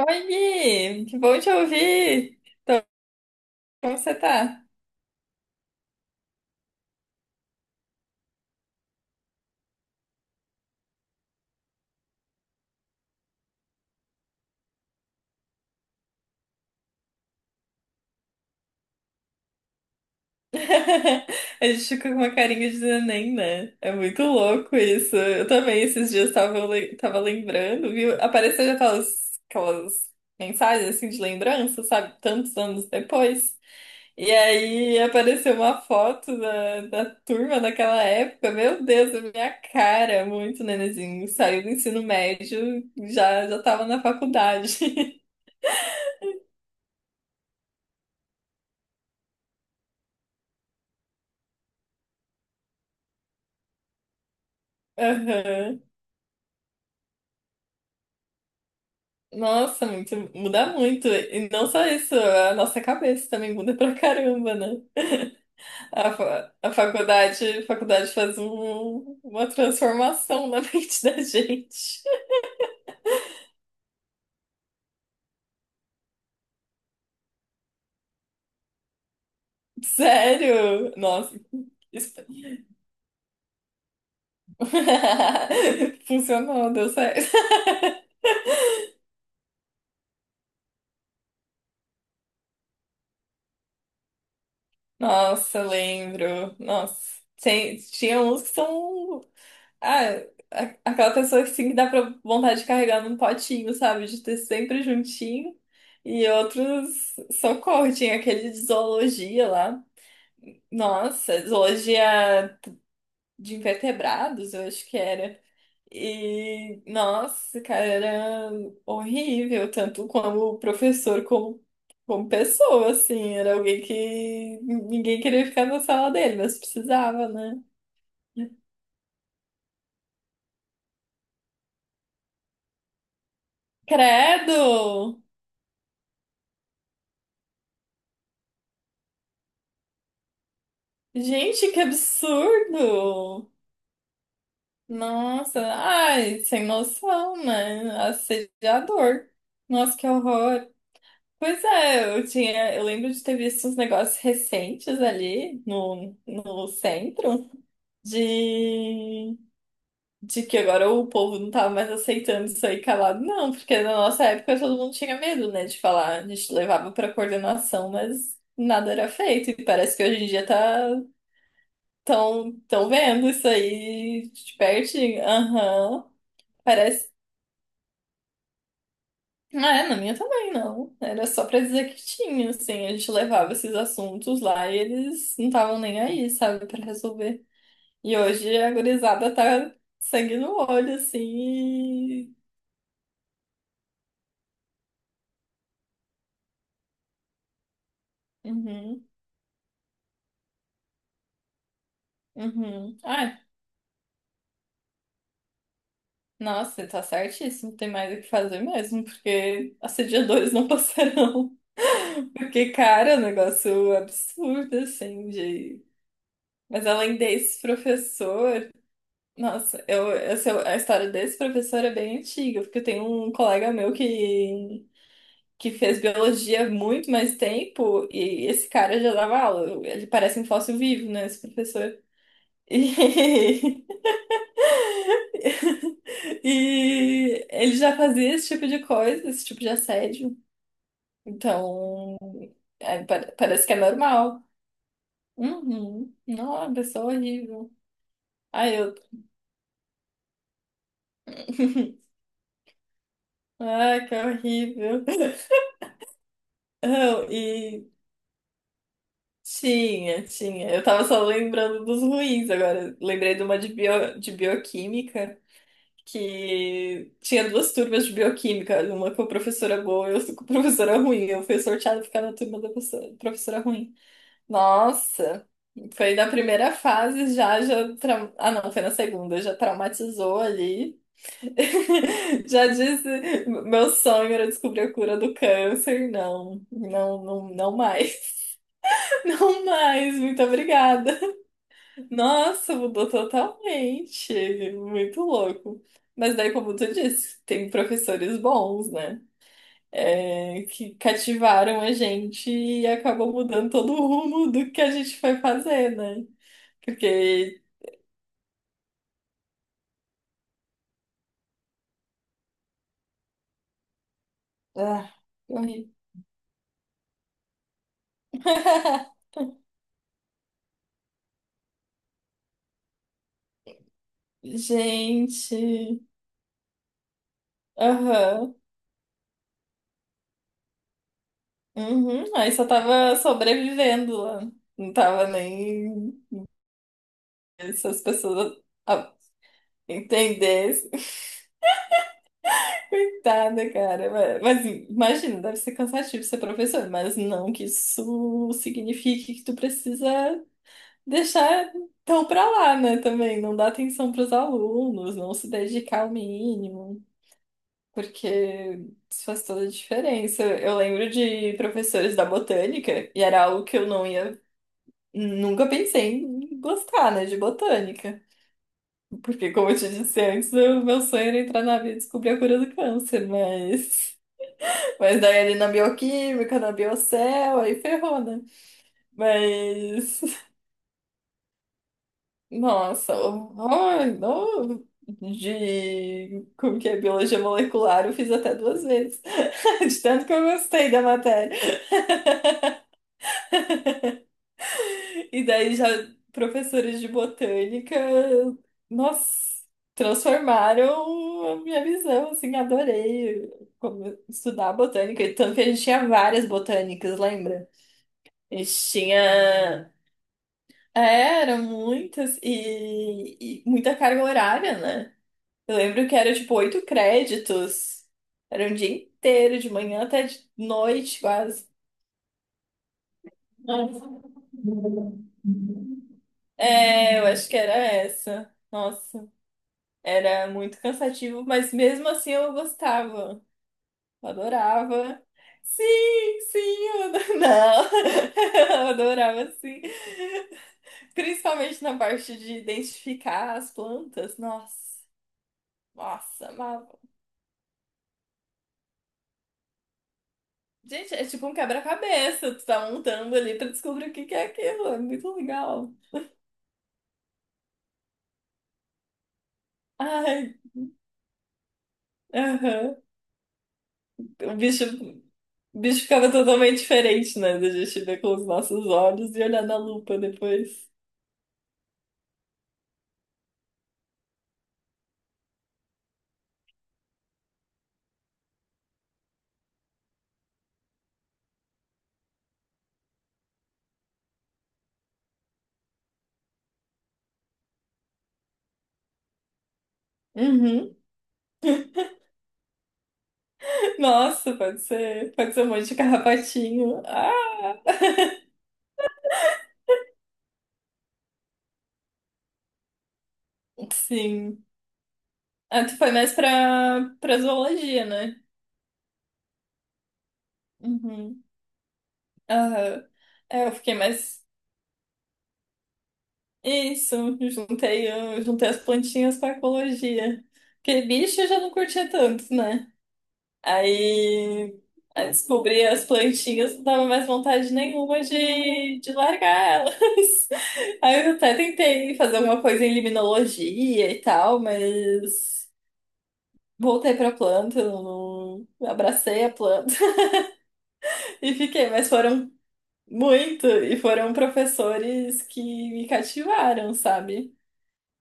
Oi, Gui! Que bom te ouvir! Então, como você tá? A gente fica com uma carinha de neném, né? É muito louco isso. Eu também esses dias tava lembrando, viu? Apareceu já aquelas mensagens assim de lembrança, sabe? Tantos anos depois. E aí apareceu uma foto da turma daquela época. Meu Deus, a minha cara, muito nenenzinho. Saiu do ensino médio, já tava na faculdade. Aham. Nossa, muda muito. E não só isso, a nossa cabeça também muda pra caramba, né? A faculdade faz uma transformação na mente da gente. Sério? Nossa. isso- Funcionou, deu certo. Nossa, lembro. Nossa, tinha uns que são. Ah, aquela pessoa que sim que dá pra vontade de carregar num potinho, sabe? De ter sempre juntinho. E outros, socorro, tinha aquele de zoologia lá. Nossa, zoologia de invertebrados, eu acho que era. E, nossa, cara, era horrível, tanto como professor, como pessoa, assim. Era alguém que ninguém queria ficar na sala dele, mas precisava, né? Credo! Gente, que absurdo! Nossa, ai, sem noção, né? Assediador. Nossa, que horror. Pois é, eu lembro de ter visto uns negócios recentes ali no centro, de, de que agora o povo não tava mais aceitando isso aí calado, não, porque na nossa época todo mundo tinha medo, né, de falar, a gente levava pra coordenação, mas nada era feito, e parece que hoje em dia tá tão vendo isso aí de pertinho, aham, parece. Ah, é, na minha também, não. Era só pra dizer que tinha, assim, a gente levava esses assuntos lá e eles não estavam nem aí, sabe, pra resolver. E hoje a gurizada tá sangue no olho, assim. Uhum, uhum. Ai, nossa, você tá certíssimo. Tem mais o que fazer mesmo, porque assediadores não passarão. Porque, cara, é um negócio absurdo, assim, de... Mas além desse professor, nossa, é a história desse professor é bem antiga, porque eu tenho um colega meu que fez biologia há muito mais tempo e esse cara já dava aula. Ele parece um fóssil vivo, né, esse professor. E E ele já fazia esse tipo de coisa, esse tipo de assédio. Então, é, parece que é normal. Uhum. Não, pessoa horrível. Ai, eu. Ai, que horrível. Não, e tinha, tinha. Eu tava só lembrando dos ruins agora. Lembrei de uma de bioquímica, que tinha duas turmas de bioquímica, uma com a professora boa e outra com a professora ruim. Eu fui sorteada pra ficar na turma da professora ruim. Nossa, foi na primeira fase já, ah não, foi na segunda, já traumatizou ali. Já disse, meu sonho era descobrir a cura do câncer. Não, não, não, não mais. Não mais, muito obrigada. Nossa, mudou totalmente. Muito louco. Mas daí, como tu disse, tem professores bons, né? É, que cativaram a gente e acabou mudando todo o rumo do que a gente foi fazer, né? Porque. Ah, que horrível. Gente. Aham. Uhum. Aí só tava sobrevivendo lá. Não tava nem. Se as pessoas ah, entendessem. Coitada, cara. Mas imagina, deve ser cansativo ser professor, mas não que isso signifique que tu precisa deixar tão pra lá, né? Também não dar atenção pros alunos, não se dedicar ao mínimo. Porque isso faz toda a diferença. Eu lembro de professores da botânica, e era algo que eu não ia, nunca pensei em gostar, né, de botânica. Porque, como eu te disse antes, o meu sonho era entrar na vida e descobrir a cura do câncer, mas. Mas daí ali na bioquímica, na biocel, aí ferrou, né? Mas. Nossa, horror, não. De como que é biologia molecular, eu fiz até duas vezes. De tanto que eu gostei da matéria. E daí já professores de botânica, nossa, transformaram a minha visão, assim, adorei como estudar botânica, e tanto que a gente tinha várias botânicas, lembra? A gente tinha, é, eram muitas e, muita carga horária, né? Eu lembro que era tipo oito créditos, era um dia inteiro, de manhã até de noite quase. Nossa. É, eu acho que era essa. Nossa. Era muito cansativo, mas mesmo assim eu gostava. Eu adorava. Sim, sim, eu adorava. Não, eu adorava sim. Principalmente na parte de identificar as plantas. Nossa, nossa, amava. Gente, é tipo um quebra-cabeça. Tu tá montando ali pra descobrir o que que é aquilo. É muito legal. Ai, aham. O bicho, o bicho ficava totalmente diferente, né? Da gente ver com os nossos olhos e olhar na lupa depois. Uhum. Nossa, pode ser um monte de carrapatinho. Ah! Sim. Ah, tu foi mais pra zoologia, né? Uhum. Aham. É, eu fiquei mais. Isso, eu juntei as plantinhas com a ecologia. Porque bicho eu já não curtia tanto, né? Aí, aí descobri as plantinhas, não dava mais vontade nenhuma de largar elas. Aí eu até tentei fazer alguma coisa em limnologia e tal, mas voltei pra planta, não, abracei a planta e fiquei, mas foram muito, e foram professores que me cativaram, sabe?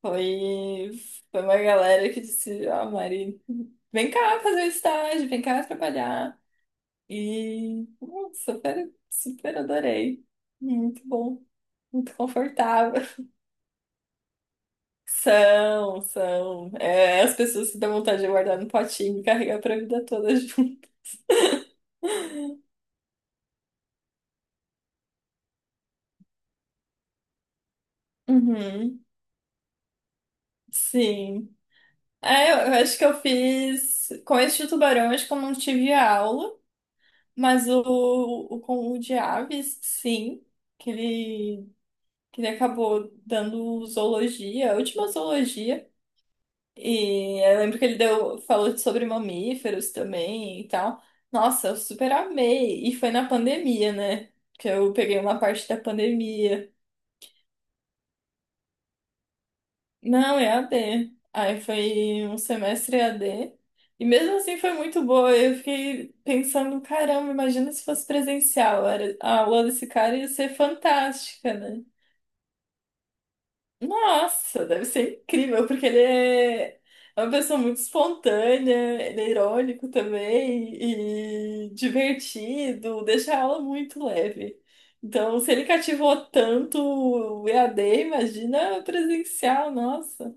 Foi, foi uma galera que disse, ah, Mari, vem cá fazer o estágio, vem cá trabalhar. E super, super adorei. Muito bom, muito confortável. São, são. É, as pessoas que dão vontade de guardar no potinho e carregar pra vida toda junto. Uhum, sim. É, eu acho que eu fiz. Com esse de tubarão, acho que eu não tive aula, mas o com o de aves, sim. Que ele, que ele acabou dando zoologia, a última zoologia. E eu lembro que ele deu, falou sobre mamíferos também e tal. Nossa, eu super amei. E foi na pandemia, né? Que eu peguei uma parte da pandemia. Não, EAD. Aí foi um semestre EAD. E mesmo assim foi muito boa. Eu fiquei pensando, caramba, imagina se fosse presencial. Era, a aula desse cara ia ser fantástica, né? Nossa, deve ser incrível, porque ele é uma pessoa muito espontânea, ele é irônico também e divertido, deixa a aula muito leve. Então, se ele cativou tanto o EAD, imagina presencial, nossa.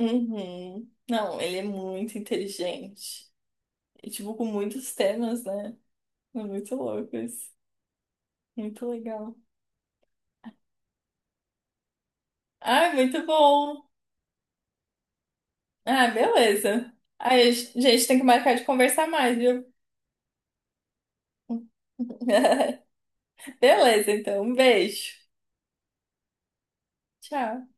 Uhum. Não, ele é muito inteligente. E, tipo, com muitos temas, né? É muito louco isso. Muito legal. Ah, muito bom. Ah, beleza. Aí, gente, tem que marcar de conversar mais, viu? Beleza, então. Um beijo. Tchau.